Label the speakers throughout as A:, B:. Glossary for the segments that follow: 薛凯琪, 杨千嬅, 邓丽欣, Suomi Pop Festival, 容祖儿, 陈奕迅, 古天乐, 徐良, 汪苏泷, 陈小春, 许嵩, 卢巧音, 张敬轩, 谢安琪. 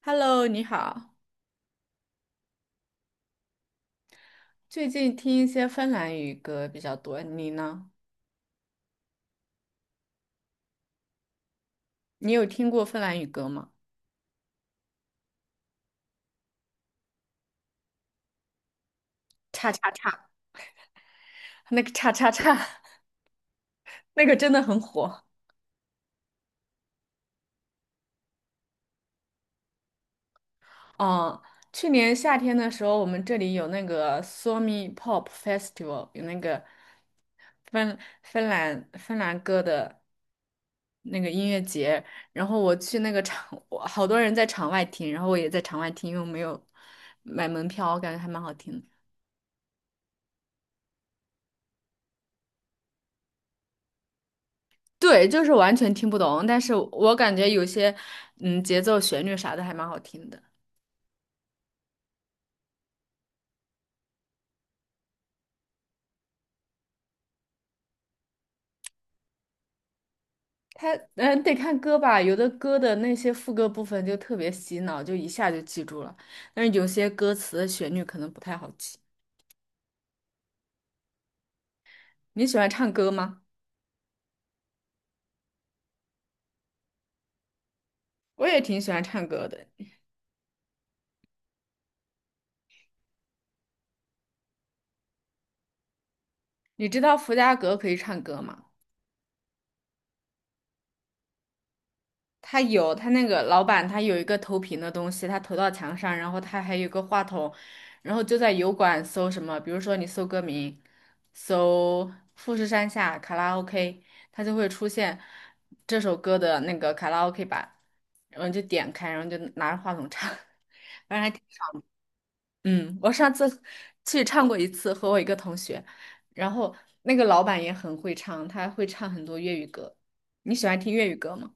A: Hello，你好。最近听一些芬兰语歌比较多，你呢？你有听过芬兰语歌吗？叉叉叉，那个叉叉叉，那个真的很火。嗯，去年夏天的时候，我们这里有那个 Suomi Pop Festival，有那个芬兰歌的那个音乐节。然后我去那个场，我好多人在场外听，然后我也在场外听，因为我没有买门票，我感觉还蛮好听的。对，就是完全听不懂，但是我感觉有些节奏、旋律啥的还蛮好听的。它得看歌吧，有的歌的那些副歌部分就特别洗脑，就一下就记住了，但是有些歌词的旋律可能不太好记。你喜欢唱歌吗？我也挺喜欢唱歌的。你知道伏家格可以唱歌吗？他有他那个老板，他有一个投屏的东西，他投到墙上，然后他还有一个话筒，然后就在油管搜什么，比如说你搜歌名，搜富士山下卡拉 OK，它就会出现这首歌的那个卡拉 OK 版，然后你就点开，然后就拿着话筒唱，反正还挺爽。嗯，我上次去唱过一次，和我一个同学，然后那个老板也很会唱，他会唱很多粤语歌。你喜欢听粤语歌吗？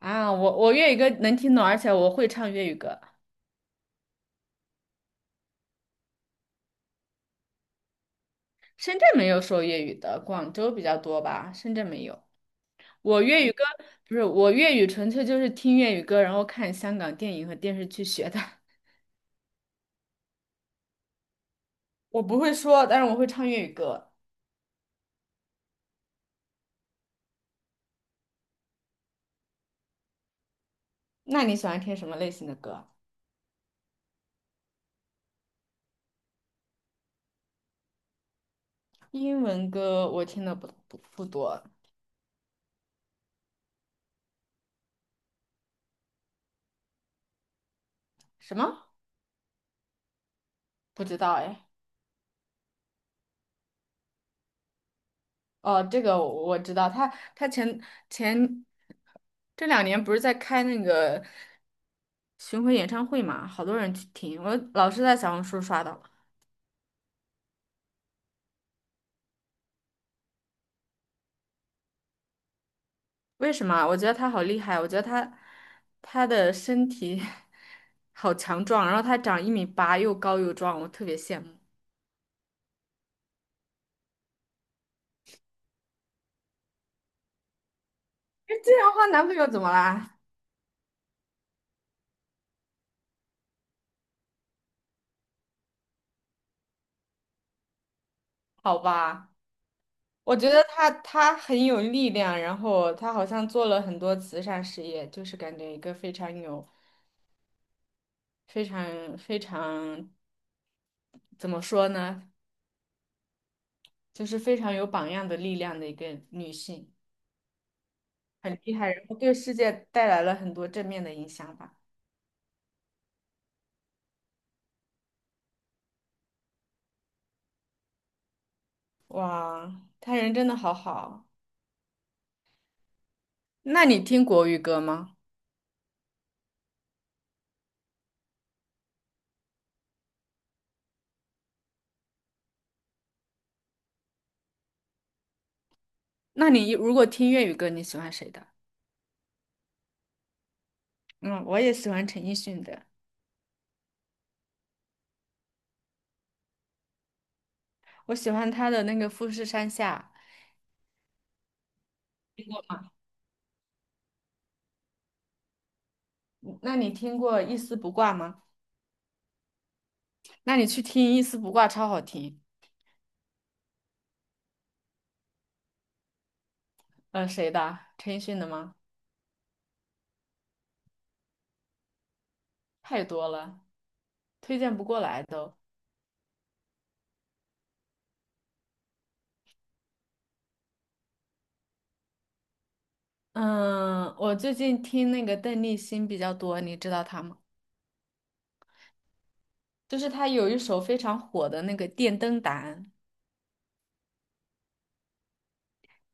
A: 啊，我粤语歌能听懂，而且我会唱粤语歌。深圳没有说粤语的，广州比较多吧，深圳没有。我粤语歌不是我粤语，纯粹就是听粤语歌，然后看香港电影和电视剧学的。我不会说，但是我会唱粤语歌。那你喜欢听什么类型的歌？英文歌我听的不多，什么不知道哎。哦，这个我知道，他他前这两年不是在开那个。巡回演唱会嘛，好多人去听，我老是在小红书刷到。为什么啊我觉得他好厉害，我觉得他他的身体 好强壮，然后他长一米八，又高又壮，我特别羡慕。哎，这样的话男朋友怎么啦？好吧，我觉得他他很有力量，然后他好像做了很多慈善事业，就是感觉一个非常有、非常怎么说呢，就是非常有榜样的力量的一个女性。很厉害，然后对世界带来了很多正面的影响吧。哇，他人真的好好。那你听国语歌吗？那你如果听粤语歌，你喜欢谁的？嗯，我也喜欢陈奕迅的，我喜欢他的那个《富士山下》。嗯那你听过《一丝不挂》吗？那你去听《一丝不挂》，超好听。呃，谁的？陈奕迅的吗？太多了，推荐不过来都。嗯，我最近听那个邓丽欣比较多，你知道她吗？就是他有一首非常火的那个电灯胆，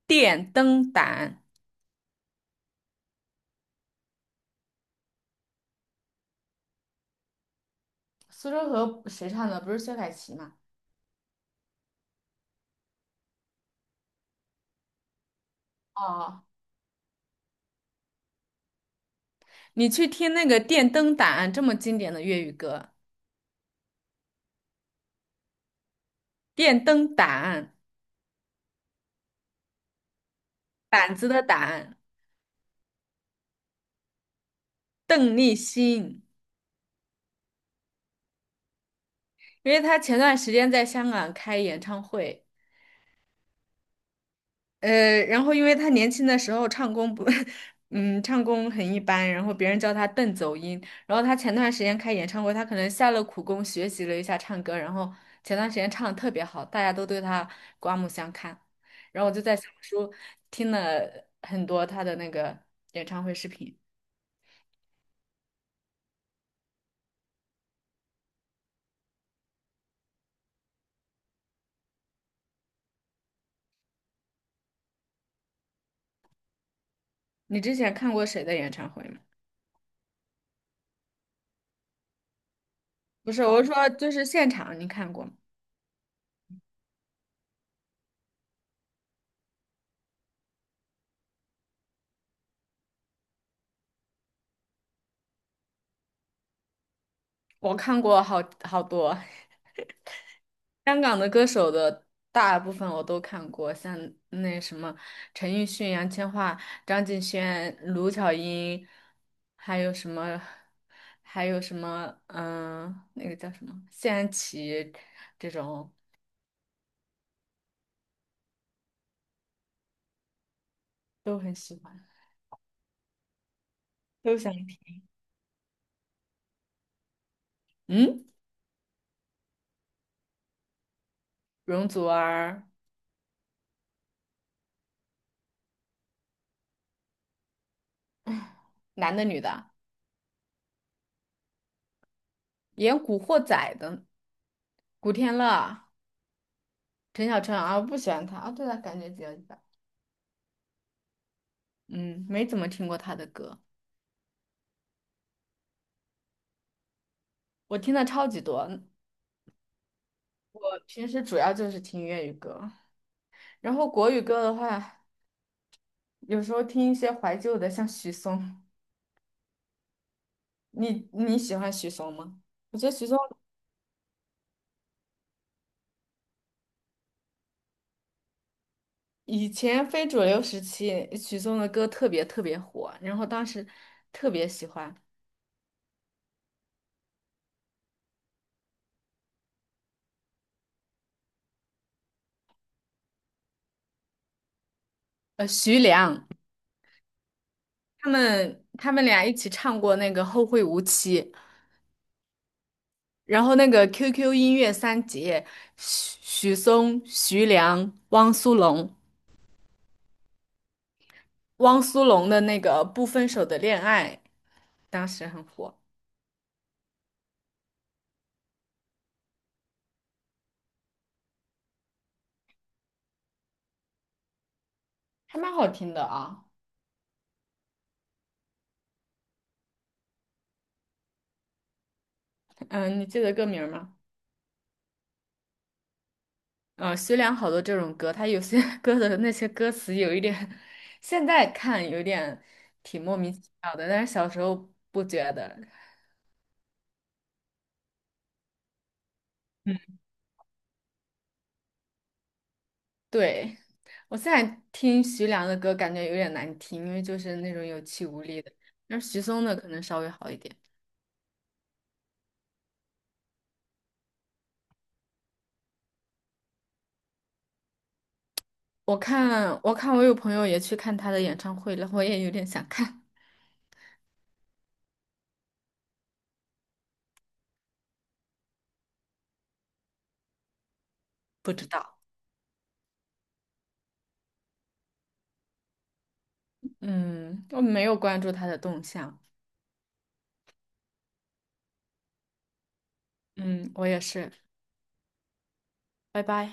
A: 电灯胆，苏州河谁唱的？不是薛凯琪吗？哦，你去听那个电灯胆这么经典的粤语歌，电灯胆，胆子的胆，邓丽欣，因为她前段时间在香港开演唱会，呃，然后因为他年轻的时候唱功不，嗯，唱功很一般，然后别人叫他邓走音。然后他前段时间开演唱会，他可能下了苦功学习了一下唱歌，然后前段时间唱的特别好，大家都对他刮目相看。然后我就在小红书听了很多他的那个演唱会视频。你之前看过谁的演唱会吗？不是，我是说就是现场你看过吗？我看过好多。香港的歌手的大部分我都看过，像那什么陈奕迅、杨千嬅、张敬轩、卢巧音，还有什么，还有什么，嗯、那个叫什么谢安琪，这种都很喜欢，都想听。嗯，容祖儿，男的女的，演《古惑仔》的古天乐、陈小春啊，我不喜欢他啊，对他感觉比较一般，嗯，没怎么听过他的歌，我听的超级多。我平时主要就是听粤语歌，然后国语歌的话，有时候听一些怀旧的，像许嵩。你喜欢许嵩吗？我觉得许嵩以前非主流时期，许嵩的歌特别火，然后当时特别喜欢。呃，徐良他们俩一起唱过那个《后会无期》，然后那个 QQ 音乐三杰，许嵩、徐良、汪苏泷，汪苏泷的那个《不分手的恋爱》。当时很火。还蛮好听的啊。嗯，你记得歌名儿吗？嗯，徐良好多这种歌，他有些 歌的那些歌词有一点，现在看有点挺莫名其妙的，但是小时候不觉得。对，我现在听徐良的歌，感觉有点难听，因为就是那种有气无力的。但是徐嵩的可能稍微好一点。我看，我看，我有朋友也去看他的演唱会了，我也有点想看，不知道。嗯，我没有关注他的动向。嗯，我也是。拜拜。